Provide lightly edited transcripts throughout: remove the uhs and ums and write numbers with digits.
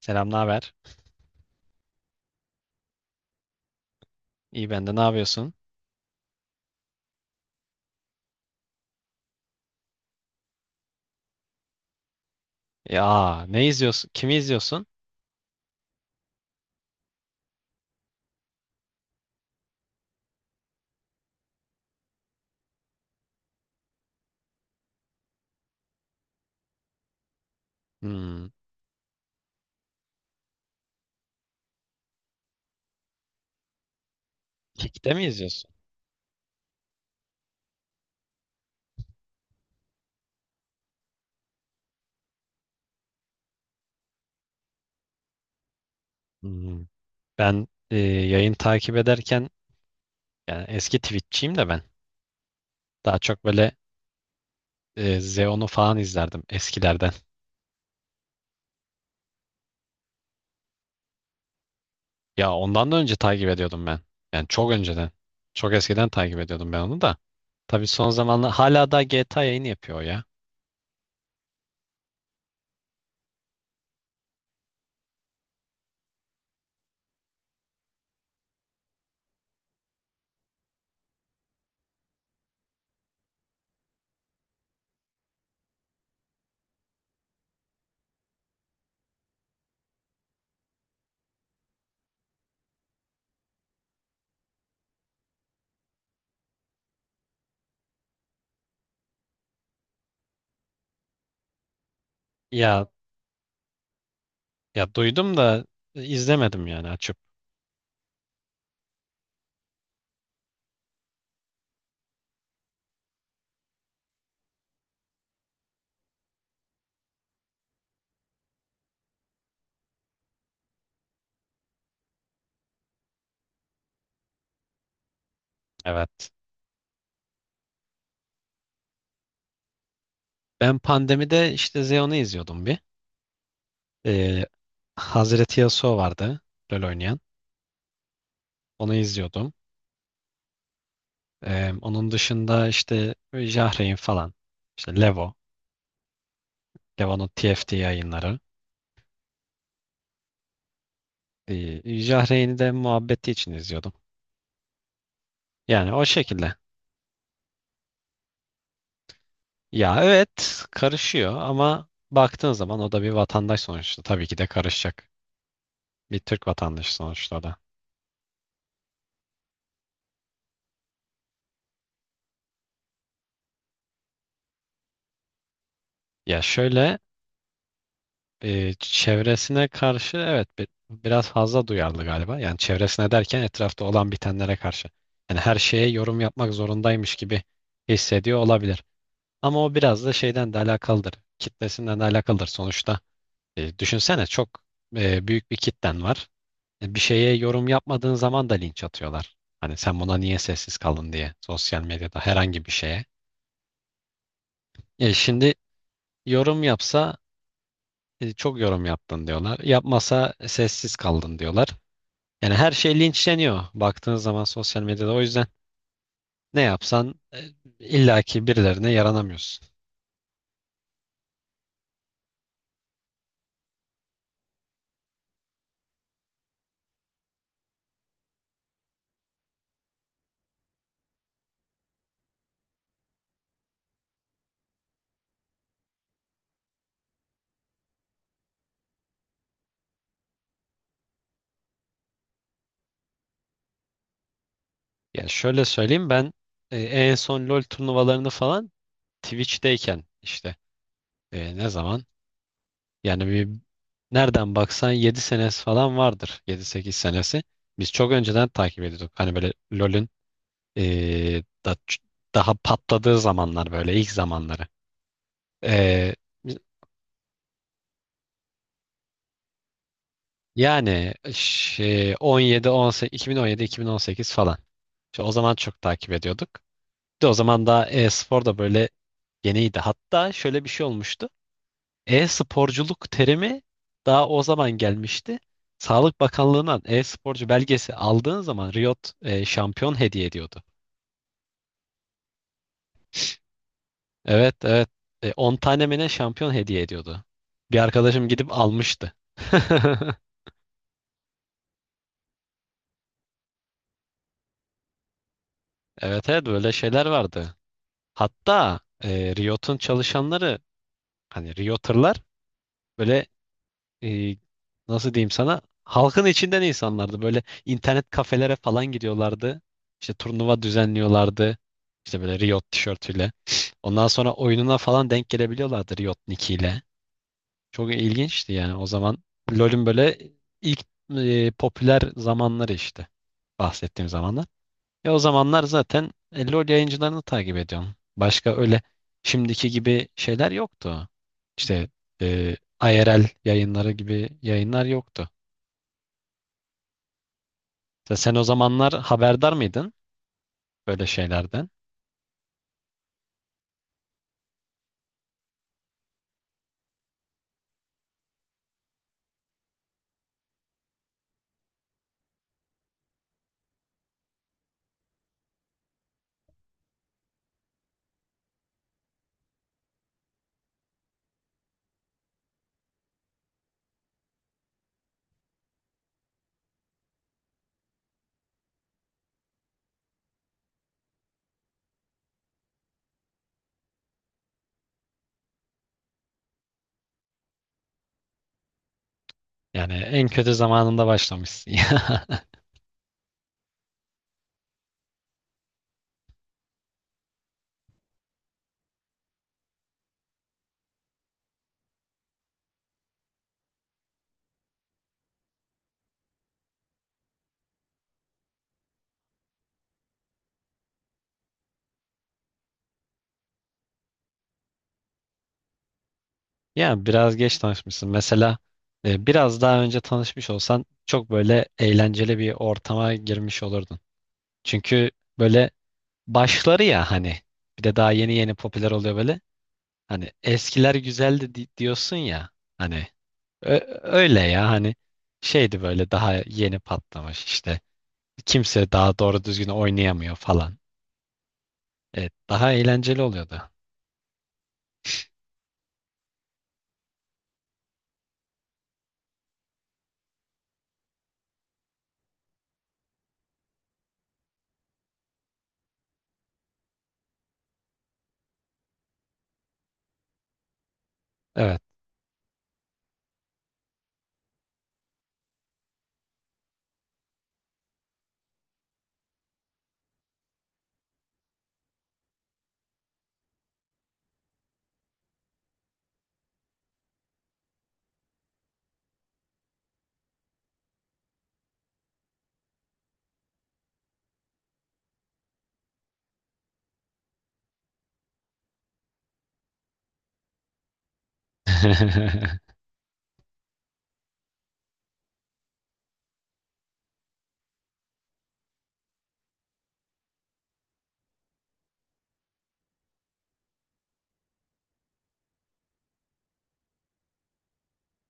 Selam, ne haber? İyi, ben de, ne yapıyorsun? Ya ne izliyorsun? Kimi izliyorsun? Hmm. Kick'te mi izliyorsun? Hmm. Ben yayın takip ederken, yani eski Twitch'çiyim de ben. Daha çok böyle Zeon'u falan izlerdim eskilerden. Ya ondan da önce takip ediyordum ben. Yani çok önceden. Çok eskiden takip ediyordum ben onu da. Tabii son zamanlar hala da GTA yayını yapıyor o ya. Ya ya duydum da, izlemedim yani açıp. Evet. Ben pandemide işte Zeon'u izliyordum bir. Ee, Hazreti Yasuo vardı, LoL oynayan. Onu izliyordum. Onun dışında işte Jahrein falan. İşte Levo. Levo'nun TFT yayınları. Jahreyn'i de muhabbeti için izliyordum. Yani o şekilde. Ya evet, karışıyor ama baktığın zaman o da bir vatandaş sonuçta. Tabii ki de karışacak. Bir Türk vatandaşı sonuçta o da. Ya şöyle, çevresine karşı evet biraz fazla duyarlı galiba. Yani çevresine derken etrafta olan bitenlere karşı. Yani her şeye yorum yapmak zorundaymış gibi hissediyor olabilir. Ama o biraz da şeyden de alakalıdır. Kitlesinden de alakalıdır sonuçta. Düşünsene, çok büyük bir kitlen var. Bir şeye yorum yapmadığın zaman da linç atıyorlar. Hani sen buna niye sessiz kaldın diye, sosyal medyada herhangi bir şeye. Şimdi yorum yapsa, çok yorum yaptın diyorlar. Yapmasa, "E, sessiz kaldın" diyorlar. Yani her şey linçleniyor baktığın zaman sosyal medyada. O yüzden ne yapsan illaki birilerine yaranamıyorsun. Yani şöyle söyleyeyim, ben en son LoL turnuvalarını falan Twitch'teyken işte, ne zaman, yani bir, nereden baksan 7 senesi falan vardır, yedi sekiz senesi. Biz çok önceden takip ediyorduk. Hani böyle LoL'ün e, da- daha patladığı zamanlar, böyle ilk zamanları. E, Yani şey, 17 18 2017 2018 falan. İşte o zaman çok takip ediyorduk. Bir de o zaman daha e-spor da böyle yeniydi. Hatta şöyle bir şey olmuştu. E-sporculuk terimi daha o zaman gelmişti. Sağlık Bakanlığı'ndan e-sporcu belgesi aldığın zaman Riot şampiyon hediye ediyordu. Evet, evet. 10 tane mi ne şampiyon hediye ediyordu. Bir arkadaşım gidip almıştı. Evet, evet, böyle şeyler vardı. Hatta Riot'un çalışanları, hani Realtor'lar, böyle e, nasıl diyeyim sana, halkın içinden insanlardı. Böyle internet kafelere falan gidiyorlardı. İşte turnuva düzenliyorlardı. İşte böyle Riot tişörtüyle. Ondan sonra oyununa falan denk gelebiliyorlardı Riot nickiyle. Çok ilginçti yani o zaman. LoL'ün böyle ilk popüler zamanları işte. Bahsettiğim zamanlar. Ya o zamanlar zaten LoL yayıncılarını takip ediyorum. Başka öyle şimdiki gibi şeyler yoktu. İşte e, IRL yayınları gibi yayınlar yoktu. Sen o zamanlar haberdar mıydın böyle şeylerden? Yani en kötü zamanında başlamışsın. Ya ya biraz geç tanışmışsın. Mesela biraz daha önce tanışmış olsan çok böyle eğlenceli bir ortama girmiş olurdun. Çünkü böyle başları, ya hani bir de daha yeni yeni popüler oluyor böyle. Hani eskiler güzeldi diyorsun ya hani, öyle ya hani, şeydi böyle, daha yeni patlamış işte, kimse daha doğru düzgün oynayamıyor falan. Evet, daha eğlenceli oluyordu. Evet.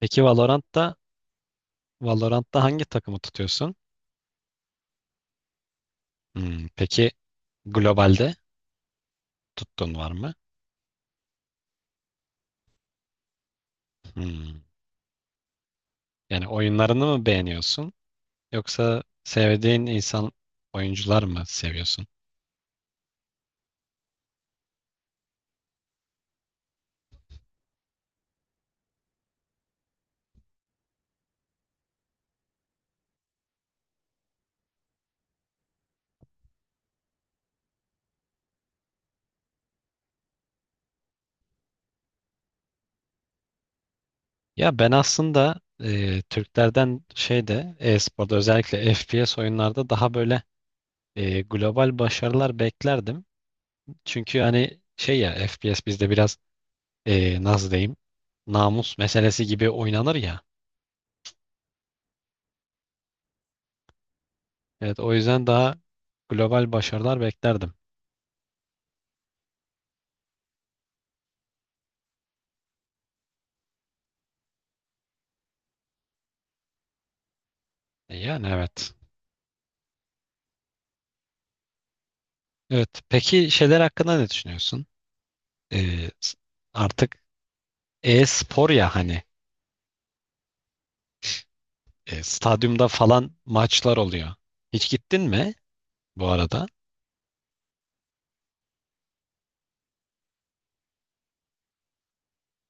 Peki Valorant'ta, Valorant'ta hangi takımı tutuyorsun? Hmm, peki globalde tuttuğun var mı? Hmm. Yani oyunlarını mı beğeniyorsun, yoksa sevdiğin oyuncular mı seviyorsun? Ya ben aslında Türklerden şeyde, e-sporda özellikle FPS oyunlarda daha böyle global başarılar beklerdim. Çünkü hani şey ya, FPS bizde biraz nasıl diyeyim, namus meselesi gibi oynanır ya. Evet, o yüzden daha global başarılar beklerdim. Yani evet. Evet, peki şeyler hakkında ne düşünüyorsun? E, s- artık e-spor ya hani, stadyumda falan maçlar oluyor. Hiç gittin mi bu arada?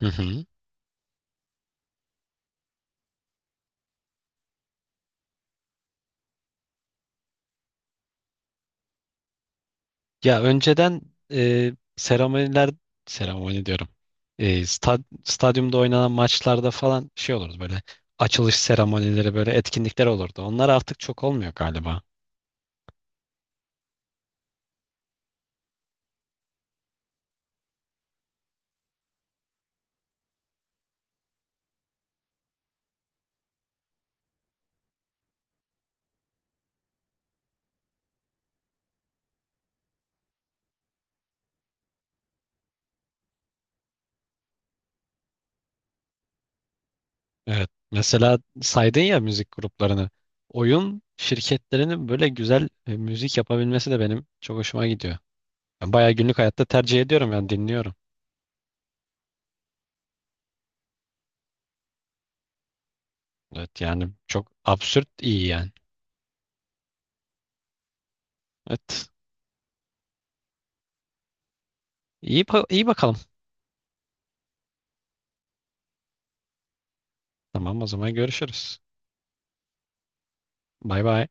Hı hı. Ya önceden seremoniler, seremoni diyorum. Stadyumda oynanan maçlarda falan şey olurdu, böyle açılış seremonileri, böyle etkinlikler olurdu. Onlar artık çok olmuyor galiba. Evet. Mesela saydın ya müzik gruplarını. Oyun şirketlerinin böyle güzel müzik yapabilmesi de benim çok hoşuma gidiyor. Ben bayağı günlük hayatta tercih ediyorum, yani dinliyorum. Evet, yani çok absürt iyi yani. Evet. İyi, iyi bakalım. Tamam, o zaman görüşürüz. Bay bay.